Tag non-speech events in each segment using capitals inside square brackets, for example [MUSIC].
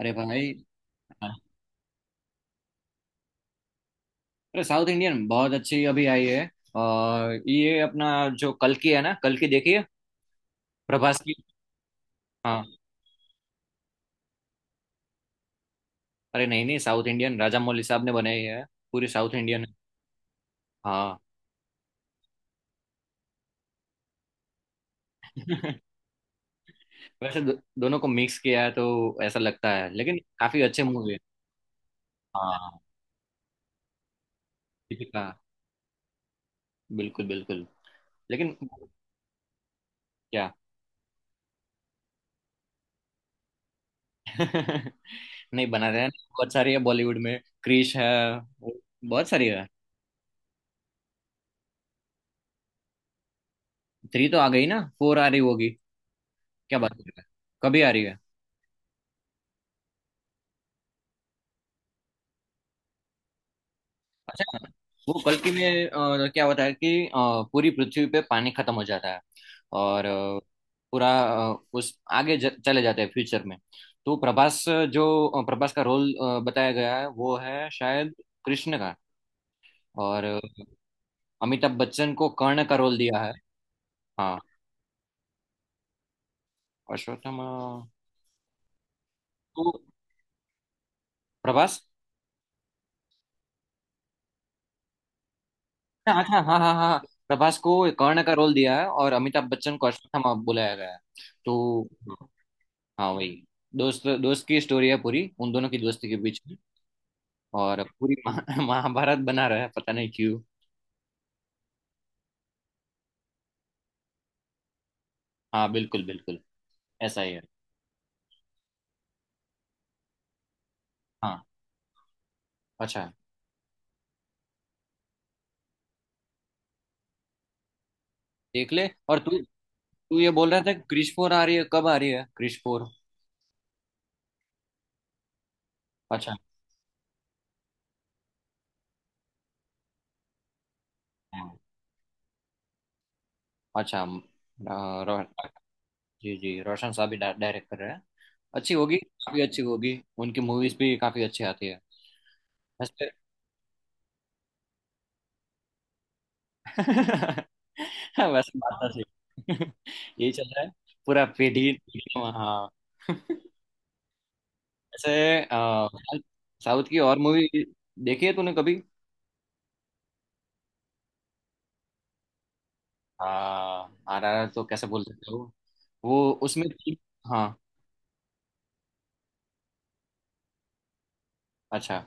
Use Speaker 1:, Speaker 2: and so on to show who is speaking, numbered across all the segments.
Speaker 1: अरे भाई। अरे साउथ इंडियन बहुत अच्छी अभी आई है, और ये अपना, जो कल की है ना, कल की देखिए, प्रभास की। हाँ, अरे नहीं नहीं, साउथ इंडियन राजा मौली साहब ने बनाई है, पूरी साउथ इंडियन है। हाँ, वैसे दोनों को मिक्स किया है तो ऐसा लगता है, लेकिन काफी अच्छे मूवी है। हाँ, दीपिका, बिल्कुल बिल्कुल, लेकिन क्या [LAUGHS] नहीं बना रहे हैं, बहुत सारी है बॉलीवुड में, क्रिश है, बहुत सारी है। थ्री तो आ गई ना, फोर आ रही होगी। क्या बात कर रहे हैं, कभी आ रही है। वो कल्कि में क्या होता है कि पूरी पृथ्वी पे पानी खत्म हो जाता है, और पूरा उस आगे चले जाते हैं फ्यूचर में। तो प्रभास, जो प्रभास का रोल बताया गया है, वो है शायद कृष्ण का। और अमिताभ बच्चन को कर्ण का रोल दिया है। हाँ, अश्वत्थामा। तो प्रभास, हाँ हाँ हाँ हाँ हाँ। प्रभास को कर्ण का रोल दिया है और अमिताभ बच्चन को अश्वत्थामा बुलाया गया है। तो हाँ वही। दोस्त दोस्त की स्टोरी है पूरी, उन दोनों की दोस्ती के बीच। और पूरी [LAUGHS] महाभारत बना रहा है, पता नहीं क्यों। हाँ बिल्कुल बिल्कुल, ऐसा ही है। हाँ, अच्छा। देख ले, और तू, तू ये बोल रहा था क्रिश फोर आ रही है, कब आ रही है क्रिश फोर? अच्छा। हाँ, अच्छा, रो, जी जी रोशन साहब भी डायरेक्ट कर रहे हैं। अच्छी होगी, काफी अच्छी होगी। उनकी मूवीज भी काफी अच्छी आती है। वैसे [LAUGHS] वैसे बात तो सही। [LAUGHS] यही चल रहा है। पूरा पीढ़ी पीढ़ी- हाँ। [LAUGHS] ऐसे अ, साउथ की और मूवी देखी है तूने कभी? हाँ आर आर तो कैसे बोल सकते हो? वो उसमें थी-। हाँ, अच्छा।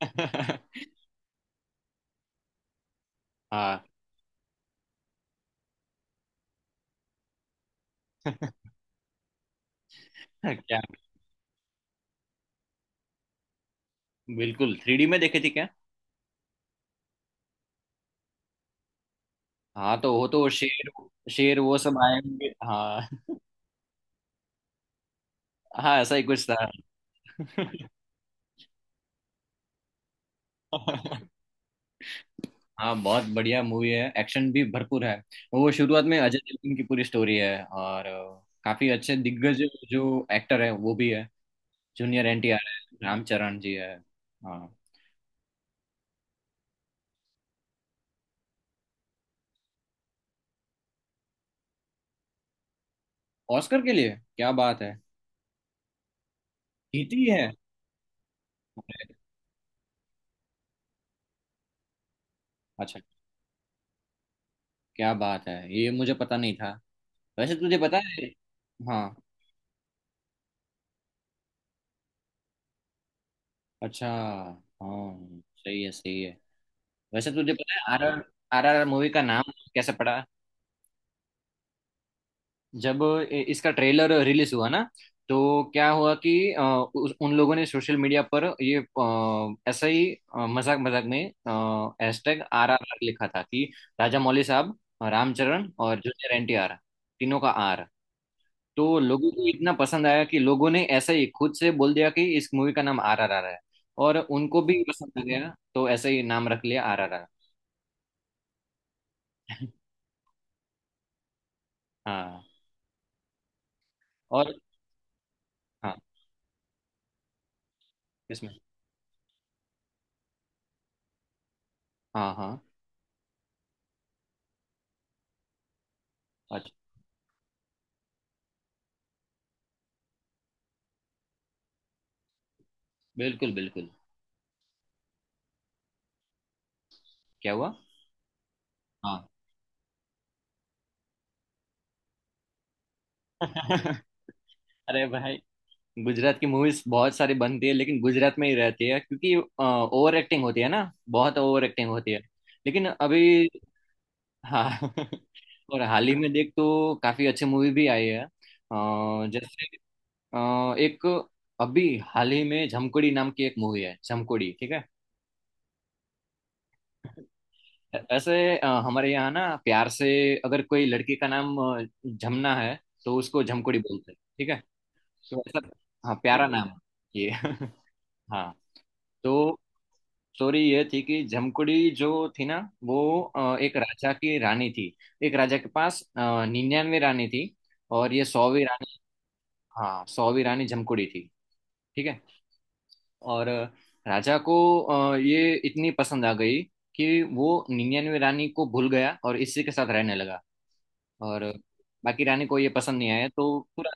Speaker 1: [LAUGHS] हाँ। [LAUGHS] क्या, बिल्कुल थ्री डी में देखी थी क्या? हाँ, तो वो तो शेर, शेर वो सब आए होंगे हाँ। हाँ ऐसा ही कुछ था। [LAUGHS] हाँ, बहुत बढ़िया मूवी है, एक्शन भी भरपूर है। वो शुरुआत में अजय देवगन की पूरी स्टोरी है, और काफी अच्छे दिग्गज जो एक्टर है वो भी है, जूनियर एनटीआर है, रामचरण जी है। हाँ, ऑस्कर के लिए, क्या बात है। जीती है? अरे, अच्छा, क्या बात है, ये मुझे पता नहीं था। वैसे तो तुझे पता है, हाँ। अच्छा, हाँ सही है सही है। वैसे तुझे पता है आर आर आर मूवी का नाम कैसे पड़ा? जब इसका ट्रेलर रिलीज हुआ ना, तो क्या हुआ कि उन लोगों ने सोशल मीडिया पर ये ऐसा ही मजाक मजाक में हैशटैग आर आर आर लिखा था, कि राजा मौली साहब, रामचरण और जूनियर एन टी आर, तीनों का आर। तो लोगों को इतना पसंद आया कि लोगों ने ऐसा ही खुद से बोल दिया कि इस मूवी का नाम आर आर आर है। और उनको भी पसंद आ गया, तो ऐसा ही नाम रख लिया आर आर आर। हाँ। और हाँ। इसमें हाँ हाँ। अच्छा बिल्कुल बिल्कुल। क्या हुआ? हाँ। [LAUGHS] अरे भाई, गुजरात की मूवीज बहुत सारी बनती है, लेकिन गुजरात में ही रहती है, क्योंकि ओवर एक्टिंग होती है ना, बहुत ओवर एक्टिंग होती है, लेकिन अभी हाँ। [LAUGHS] और हाल ही में देख, तो काफी अच्छी मूवी भी आई है, जैसे, एक, अभी हाल ही में झमकोड़ी नाम की एक मूवी है, झमकोड़ी, ठीक है। ऐसे हमारे यहाँ ना प्यार से, अगर कोई लड़की का नाम झमना है, तो उसको झमकोड़ी बोलते हैं, ठीक है। तो ऐसा, हाँ, प्यारा नाम है। ये [LAUGHS] हाँ। तो स्टोरी ये थी कि जमकुड़ी जो थी ना, वो एक राजा की रानी थी। एक राजा के पास 99 रानी थी, और ये 100वीं रानी। हाँ, 100वीं रानी जमकुड़ी थी, ठीक है। और राजा को ये इतनी पसंद आ गई कि वो 99 रानी को भूल गया और इसी के साथ रहने लगा, और बाकी रानी को ये पसंद नहीं आया, तो पूरा।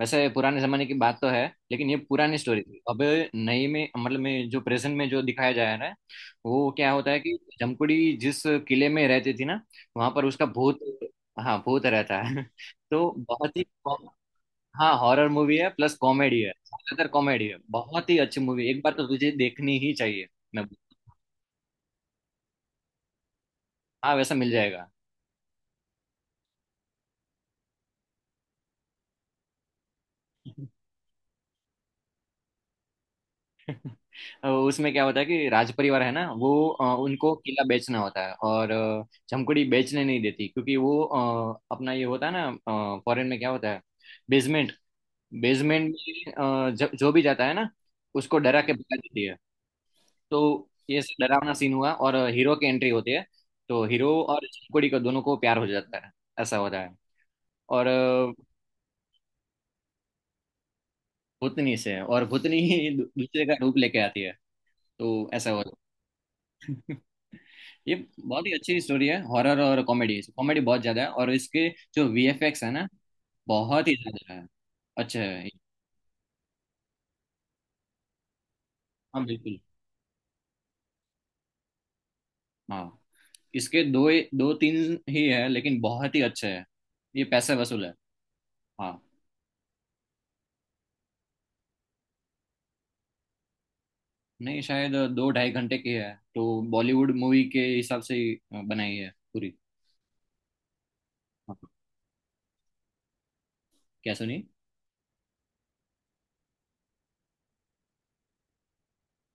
Speaker 1: वैसे पुराने जमाने की बात तो है, लेकिन ये पुरानी स्टोरी थी। अब नई में, मतलब में जो प्रेजेंट में जो दिखाया जा रहा है, वो क्या होता है कि जमकुड़ी जिस किले में रहती थी ना, वहां पर उसका भूत, हाँ, भूत रहता है। [LAUGHS] तो बहुत ही कॉम-। हाँ, हॉरर मूवी है प्लस कॉमेडी है, ज्यादातर कॉमेडी है, बहुत ही अच्छी मूवी, एक बार तो तुझे देखनी ही चाहिए। मैं, हाँ वैसा मिल जाएगा। [LAUGHS] उसमें क्या होता है कि राज परिवार है ना, वो उनको किला बेचना होता है, और जमकुड़ी बेचने नहीं देती, क्योंकि वो अपना ये होता है ना, फॉरेन में क्या होता है बेसमेंट, बेसमेंट में जो भी जाता है ना, उसको डरा के भगा देती है। तो ये सब डरावना सीन हुआ, और हीरो की एंट्री होती है। तो हीरो और जमकुड़ी को, दोनों को प्यार हो जाता है, ऐसा होता है। और भूतनी से, और भूतनी ही दूसरे का रूप लेके आती है, तो ऐसा होता है ये। बहुत ही अच्छी स्टोरी है, हॉरर और कॉमेडी, कॉमेडी बहुत ज्यादा है, और इसके जो वीएफएक्स है ना, बहुत ही ज्यादा है, अच्छा है। हाँ, बिल्कुल। हाँ, इसके दो, दो तीन ही है, लेकिन बहुत ही अच्छे है, ये पैसे वसूल है। हाँ, नहीं शायद दो ढाई घंटे की है, तो बॉलीवुड मूवी के हिसाब से ही बनाई है पूरी। हाँ। क्या सुनी?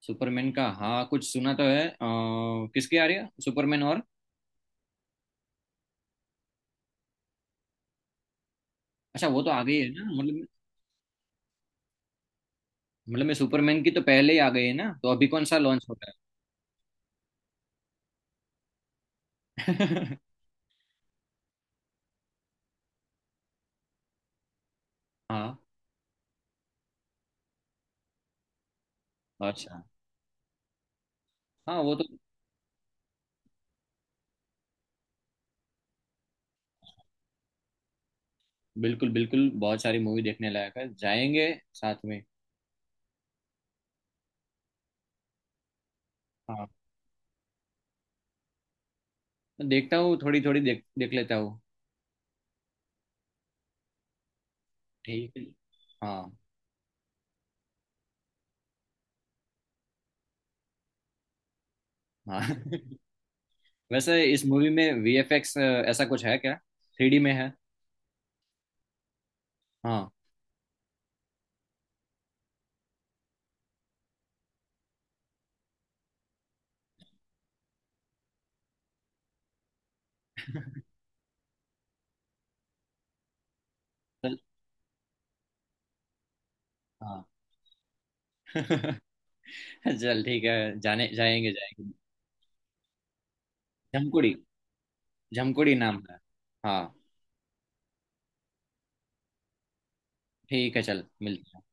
Speaker 1: सुपरमैन का, हाँ कुछ सुना तो है, किसकी आ रही है सुपरमैन और? अच्छा, वो तो आ गई है ना, मतलब, मतलब मैं सुपरमैन की तो पहले ही आ गई है ना, तो अभी कौन सा लॉन्च होता है। [LAUGHS] हाँ। अच्छा, हाँ वो तो। बिल्कुल बिल्कुल, बहुत सारी मूवी देखने लायक है, जाएंगे साथ में। हाँ, तो देखता हूँ, थोड़ी थोड़ी देख देख लेता हूँ। ठीक है, हाँ। हाँ [LAUGHS] वैसे इस मूवी में वीएफएक्स ऐसा कुछ है क्या, थ्री डी में है? हाँ। [LAUGHS] चल, हाँ। [LAUGHS] चल ठीक है, जाने जाएंगे जाएंगे। झमकुड़ी, झमकुड़ी नाम है। हाँ। ठीक है, चल मिलते हैं।